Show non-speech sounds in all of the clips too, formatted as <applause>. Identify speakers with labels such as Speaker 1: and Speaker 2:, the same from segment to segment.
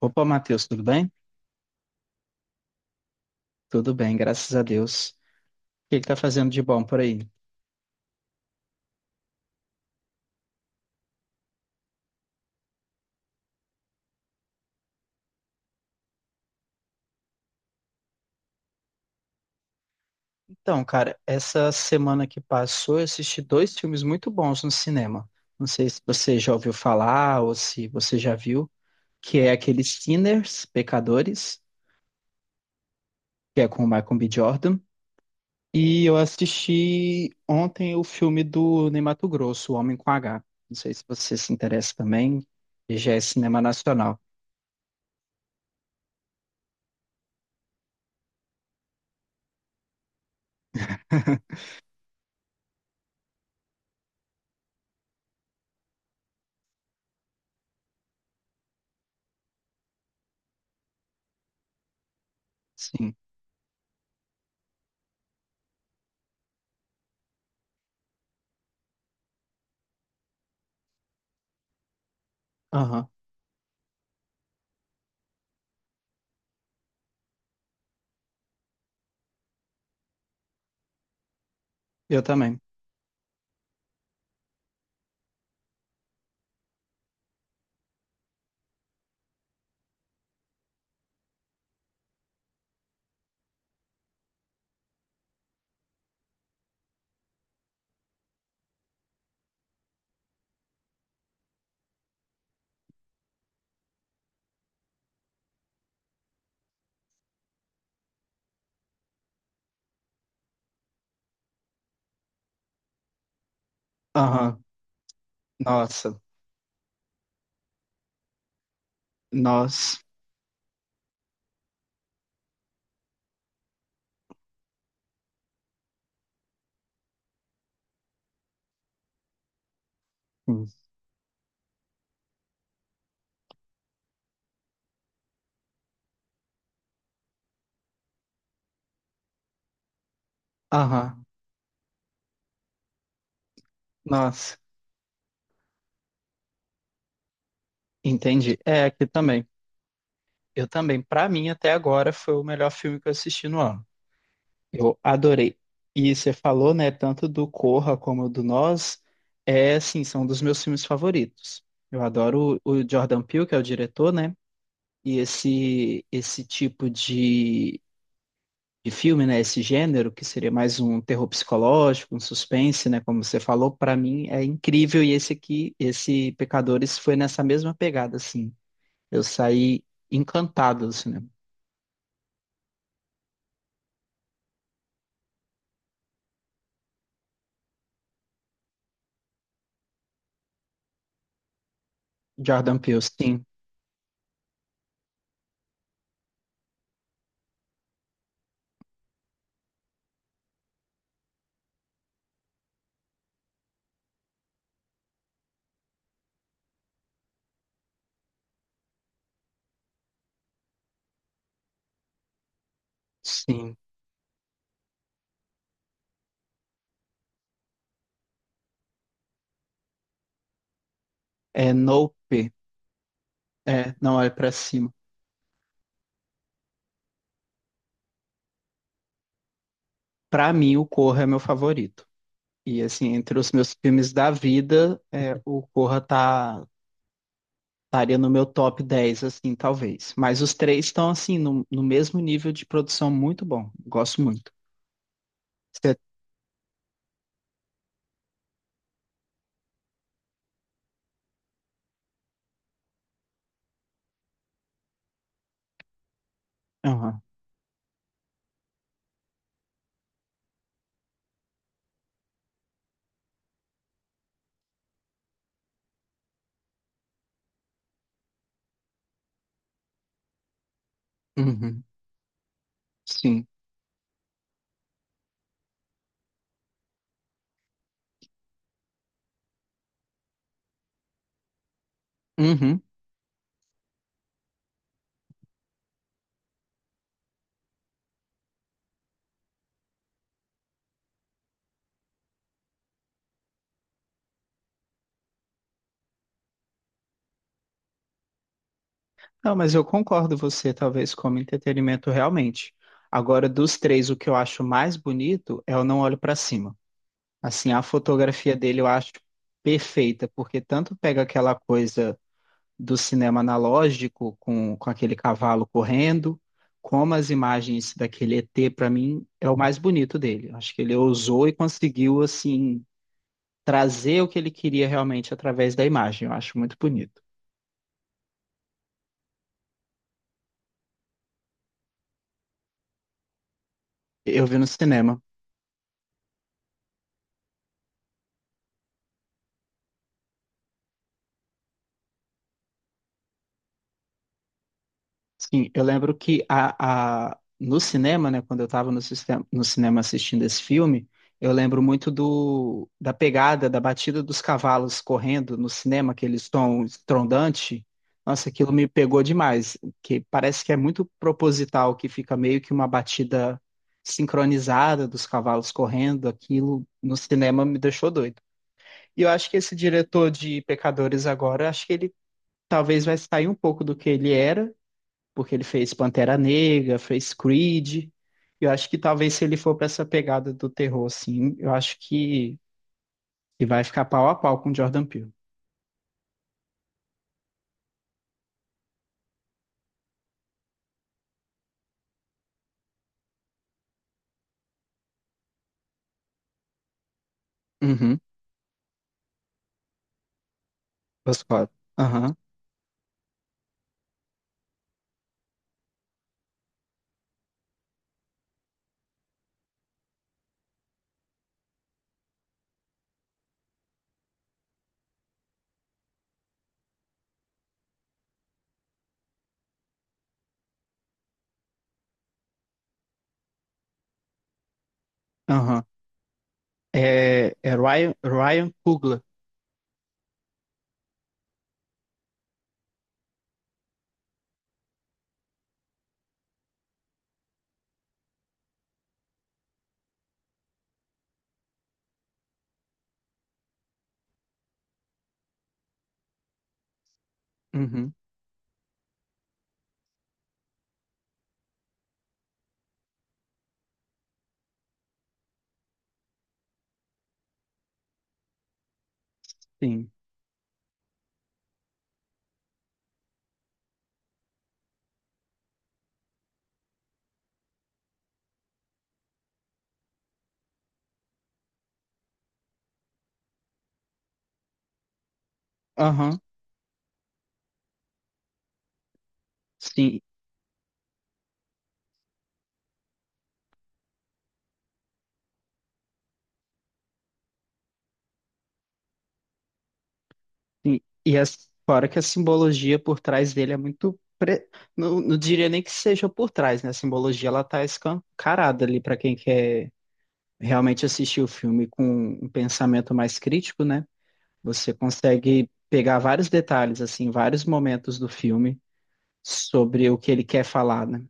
Speaker 1: Opa, Matheus, tudo bem? Tudo bem, graças a Deus. O que tá fazendo de bom por aí? Então, cara, essa semana que passou, eu assisti dois filmes muito bons no cinema. Não sei se você já ouviu falar ou se você já viu, que é aquele Sinners, Pecadores, que é com o Michael B. Jordan. E eu assisti ontem o filme do Ney Matogrosso, O Homem com H. Não sei se você se interessa também, e já é cinema nacional. <laughs> Sim. Aham. Eu também. Aham. Nossa, Nós. Hum. Aham. Nossa. Entendi. É, aqui também. Eu também. Pra mim, até agora, foi o melhor filme que eu assisti no ano. Eu adorei. E você falou, né, tanto do Corra como do Nós, é, assim, são dos meus filmes favoritos. Eu adoro o Jordan Peele, que é o diretor, né? E esse tipo de filme, né? Esse gênero, que seria mais um terror psicológico, um suspense, né? Como você falou, pra mim é incrível. E esse aqui, esse Pecadores, foi nessa mesma pegada, assim. Eu saí encantado do cinema. Jordan Peele, sim, sim. É Nope, é Não Olhe Pra Cima. Pra mim, o Corra é meu favorito. E assim, entre os meus filmes da vida, é, o Corra tá, estaria no meu top 10 assim, talvez. Mas os três estão, assim, no, no mesmo nível de produção muito bom. Gosto muito. Você... Aham. Uhum. Sim. Uhum. Não, mas eu concordo você, talvez, como entretenimento realmente. Agora, dos três, o que eu acho mais bonito é o Não Olho Pra Cima. Assim, a fotografia dele eu acho perfeita, porque tanto pega aquela coisa do cinema analógico com aquele cavalo correndo, como as imagens daquele ET, para mim, é o mais bonito dele. Acho que ele ousou e conseguiu, assim, trazer o que ele queria realmente através da imagem. Eu acho muito bonito. Eu vi no cinema. Sim, eu lembro que no cinema, né, quando eu estava no, no cinema assistindo esse filme, eu lembro muito do, da pegada, da batida dos cavalos correndo no cinema, aquele som estrondante. Nossa, aquilo me pegou demais, que parece que é muito proposital, que fica meio que uma batida sincronizada dos cavalos correndo. Aquilo no cinema me deixou doido. E eu acho que esse diretor de Pecadores agora, acho que ele talvez vai sair um pouco do que ele era porque ele fez Pantera Negra, fez Creed. Eu acho que talvez se ele for para essa pegada do terror, assim, eu acho que ele vai ficar pau a pau com o Jordan Peele. Uhum, os quatro. Aham, aham. É, é Ryan, Ryan Coogler. Uhum, sim. Aham, sim, sim. E as, fora que a simbologia por trás dele é muito. Não, não diria nem que seja por trás, né? A simbologia ela tá escancarada ali para quem quer realmente assistir o filme com um pensamento mais crítico, né? Você consegue pegar vários detalhes, assim, vários momentos do filme sobre o que ele quer falar, né?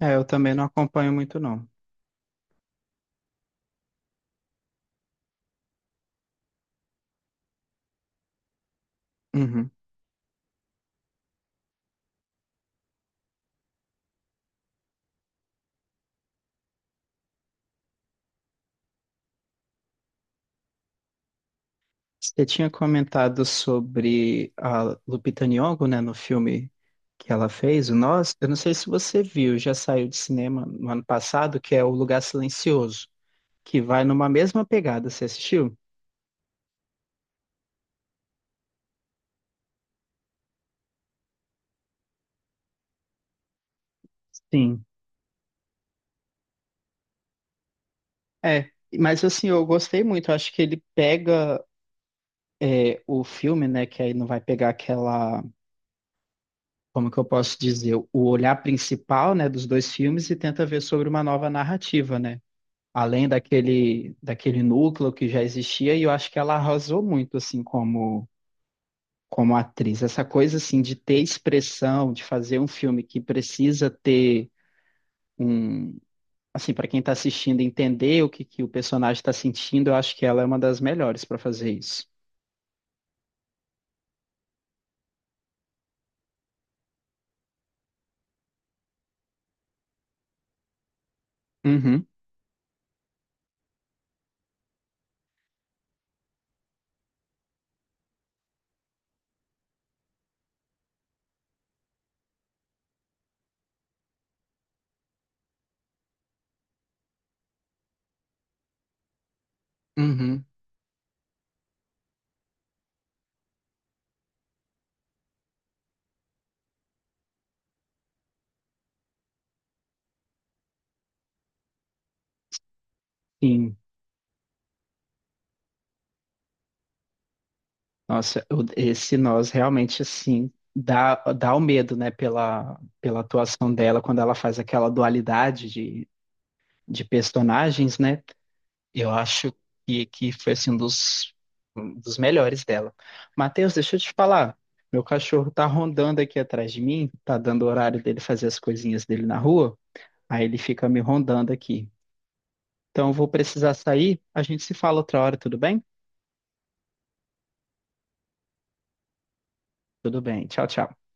Speaker 1: É, eu também não acompanho muito, não. Uhum. Você tinha comentado sobre a Lupita Nyong'o, né, no filme que ela fez, o Nós. Eu não sei se você viu, já saiu de cinema no ano passado, que é O Lugar Silencioso, que vai numa mesma pegada. Você assistiu? Sim. É, mas assim, eu gostei muito. Eu acho que ele pega é, o filme, né, que aí não vai pegar aquela como que eu posso dizer, o olhar principal, né, dos dois filmes e tenta ver sobre uma nova narrativa, né? Além daquele núcleo que já existia, e eu acho que ela arrasou muito assim como como atriz. Essa coisa assim de ter expressão, de fazer um filme que precisa ter um assim para quem está assistindo entender o que o personagem está sentindo, eu acho que ela é uma das melhores para fazer isso. Uhum, uhum. Sim. Nossa, o- esse nós realmente assim dá dá o medo, né, pela atuação dela quando ela faz aquela dualidade de personagens, né? Eu acho que foi assim um dos melhores dela. Matheus, deixa eu te falar. Meu cachorro tá rondando aqui atrás de mim, tá dando o horário dele fazer as coisinhas dele na rua, aí ele fica me rondando aqui. Então eu vou precisar sair, a gente se fala outra hora, tudo bem? Tudo bem. Tchau, tchau.